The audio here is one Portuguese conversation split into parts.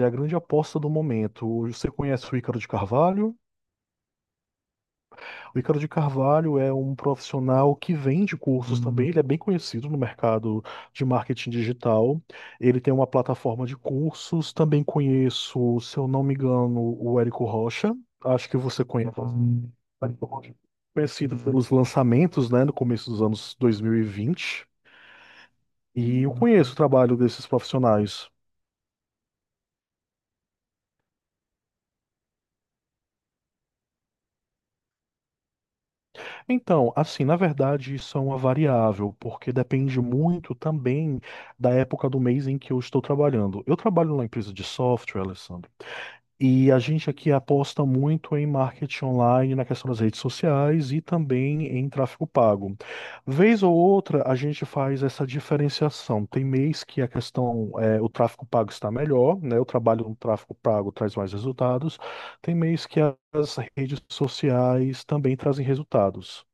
É a grande aposta do momento. Você conhece o Ícaro de Carvalho? O Ícaro de Carvalho é um profissional que vende cursos também, ele é bem conhecido no mercado de marketing digital. Ele tem uma plataforma de cursos. Também conheço, se eu não me engano, o Érico Rocha. Acho que você conhece, conhecido pelos lançamentos, né, no começo dos anos 2020. E vinte. E eu conheço o trabalho desses profissionais. Então, assim, na verdade, isso é uma variável, porque depende muito também da época do mês em que eu estou trabalhando. Eu trabalho numa empresa de software, Alessandro, e a gente aqui aposta muito em marketing online, na questão das redes sociais e também em tráfego pago. Vez ou outra, a gente faz essa diferenciação. Tem mês que a questão, é, o tráfego pago está melhor, né? O trabalho no tráfego pago traz mais resultados. Tem mês que as redes sociais também trazem resultados.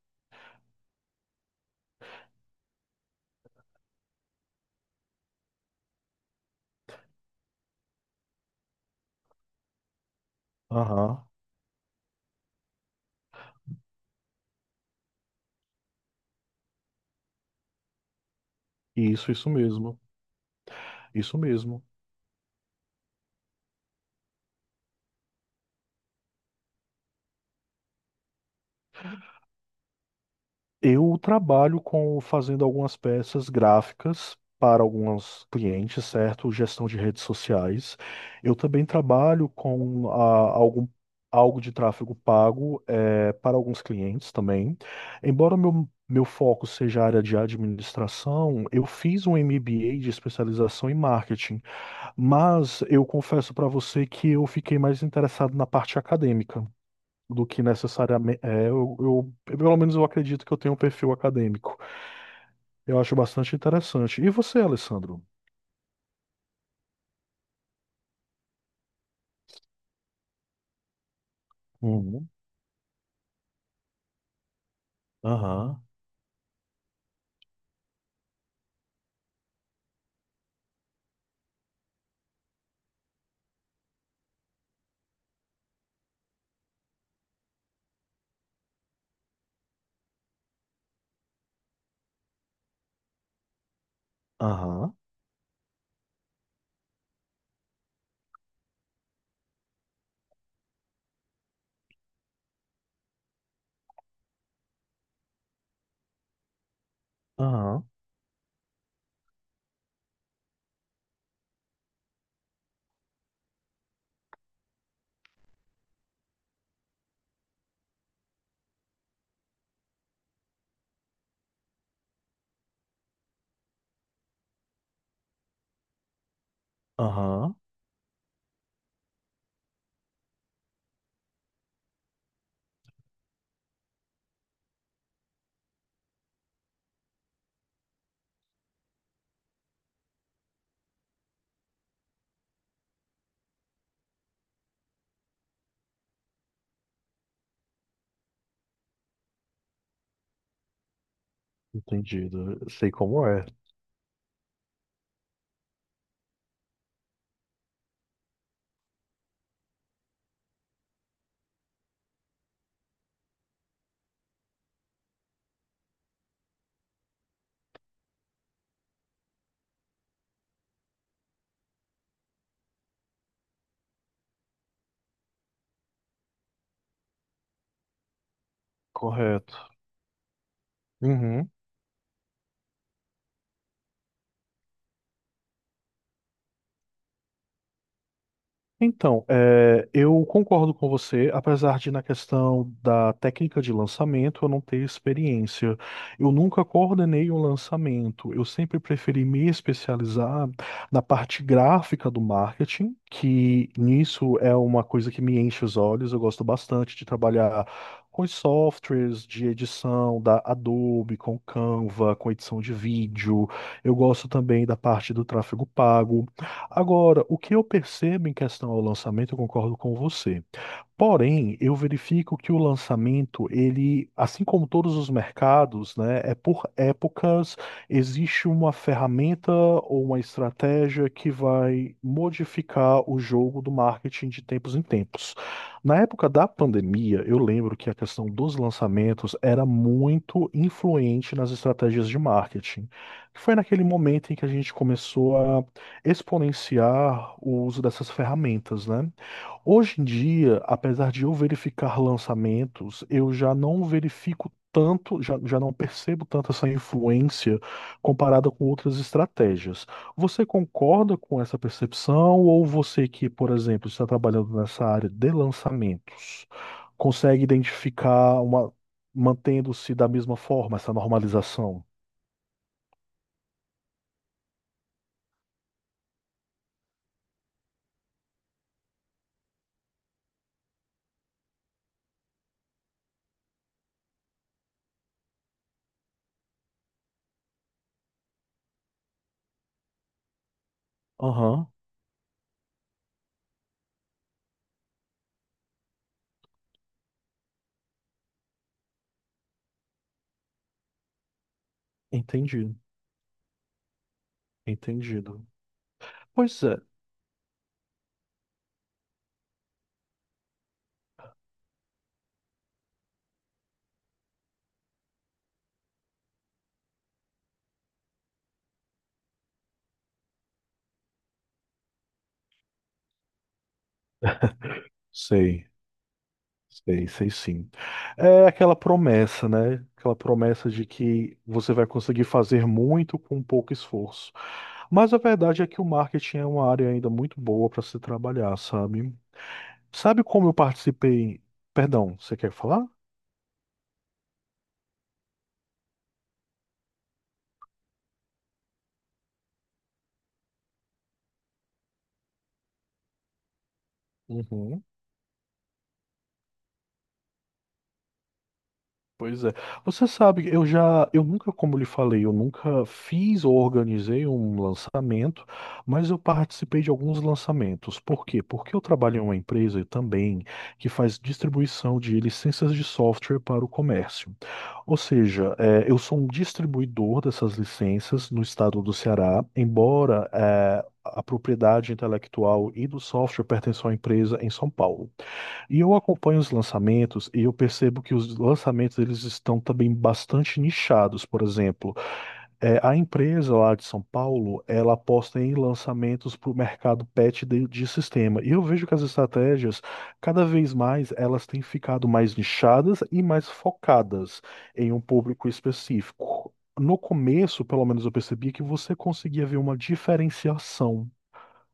Aham, isso mesmo, isso mesmo. Eu trabalho com fazendo algumas peças gráficas para alguns clientes, certo? Gestão de redes sociais. Eu também trabalho com algum, algo de tráfego pago para alguns clientes também. Embora meu foco seja a área de administração, eu fiz um MBA de especialização em marketing, mas eu confesso para você que eu fiquei mais interessado na parte acadêmica do que necessariamente é, eu, pelo menos eu acredito que eu tenho um perfil acadêmico. Eu acho bastante interessante. E você, Alessandro? Uhum. Aham, aham, aham, aham, entendido. Correto. Uhum. Então, é, eu concordo com você, apesar de na questão da técnica de lançamento eu não ter experiência. Eu nunca coordenei um lançamento, eu sempre preferi me especializar na parte gráfica do marketing, que nisso é uma coisa que me enche os olhos, eu gosto bastante de trabalhar com os softwares de edição da Adobe, com Canva, com edição de vídeo. Eu gosto também da parte do tráfego pago. Agora, o que eu percebo em questão ao lançamento, eu concordo com você. Porém, eu verifico que o lançamento, ele, assim como todos os mercados, né, é por épocas, existe uma ferramenta ou uma estratégia que vai modificar o jogo do marketing de tempos em tempos. Na época da pandemia, eu lembro que a questão dos lançamentos era muito influente nas estratégias de marketing. Foi naquele momento em que a gente começou a exponenciar o uso dessas ferramentas, né? Hoje em dia, apesar de eu verificar lançamentos, eu já não verifico tanto, já, já não percebo tanto essa influência comparada com outras estratégias. Você concorda com essa percepção ou você que, por exemplo, está trabalhando nessa área de lançamentos, consegue identificar uma, mantendo-se da mesma forma essa normalização? Aham, entendi, entendi. Pois é, sei. Sei, sei sim. É aquela promessa, né? Aquela promessa de que você vai conseguir fazer muito com pouco esforço. Mas a verdade é que o marketing é uma área ainda muito boa para se trabalhar, sabe? Sabe como eu participei? Perdão, você quer falar? Uhum. Pois é. Você sabe, eu já, eu nunca, como lhe falei, eu nunca fiz ou organizei um lançamento, mas eu participei de alguns lançamentos. Por quê? Porque eu trabalho em uma empresa também que faz distribuição de licenças de software para o comércio. Ou seja, eu sou um distribuidor dessas licenças no estado do Ceará, embora a propriedade intelectual e do software pertençam à empresa em São Paulo. E eu acompanho os lançamentos e eu percebo que os lançamentos eles estão também bastante nichados. Por exemplo, é, a empresa lá de São Paulo, ela aposta em lançamentos para o mercado pet de sistema. E eu vejo que as estratégias, cada vez mais, elas têm ficado mais nichadas e mais focadas em um público específico. No começo, pelo menos, eu percebia que você conseguia ver uma diferenciação.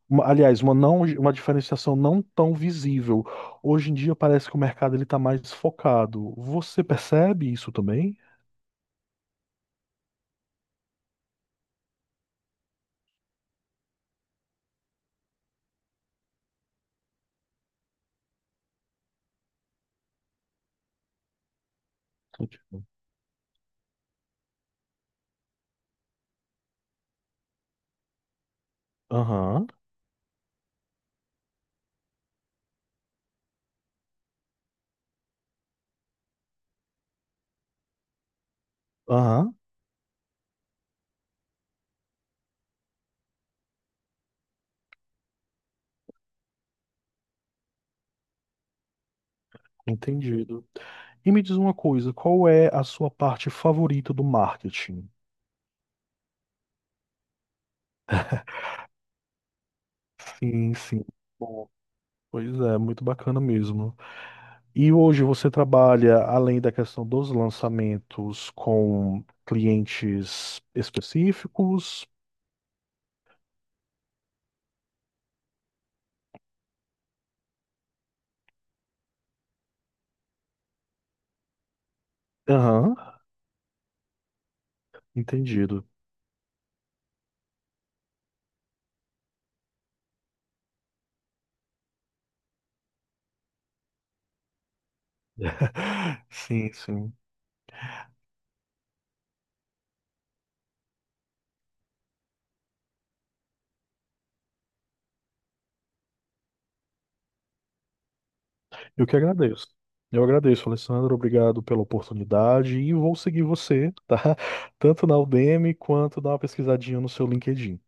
Uma- Aliás, uma não, uma diferenciação não tão visível. Hoje em dia parece que o mercado ele está mais focado. Você percebe isso também? Aham, aham, entendido. E me diz uma coisa, qual é a sua parte favorita do marketing? Sim, sim. Bom, pois é, muito bacana mesmo. E hoje você trabalha, além da questão dos lançamentos, com clientes específicos? Aham, entendido. Sim, sim. Eu que agradeço. Eu agradeço, Alessandro. Obrigado pela oportunidade e vou seguir você, tá? Tanto na Udemy quanto dar uma pesquisadinha no seu LinkedIn.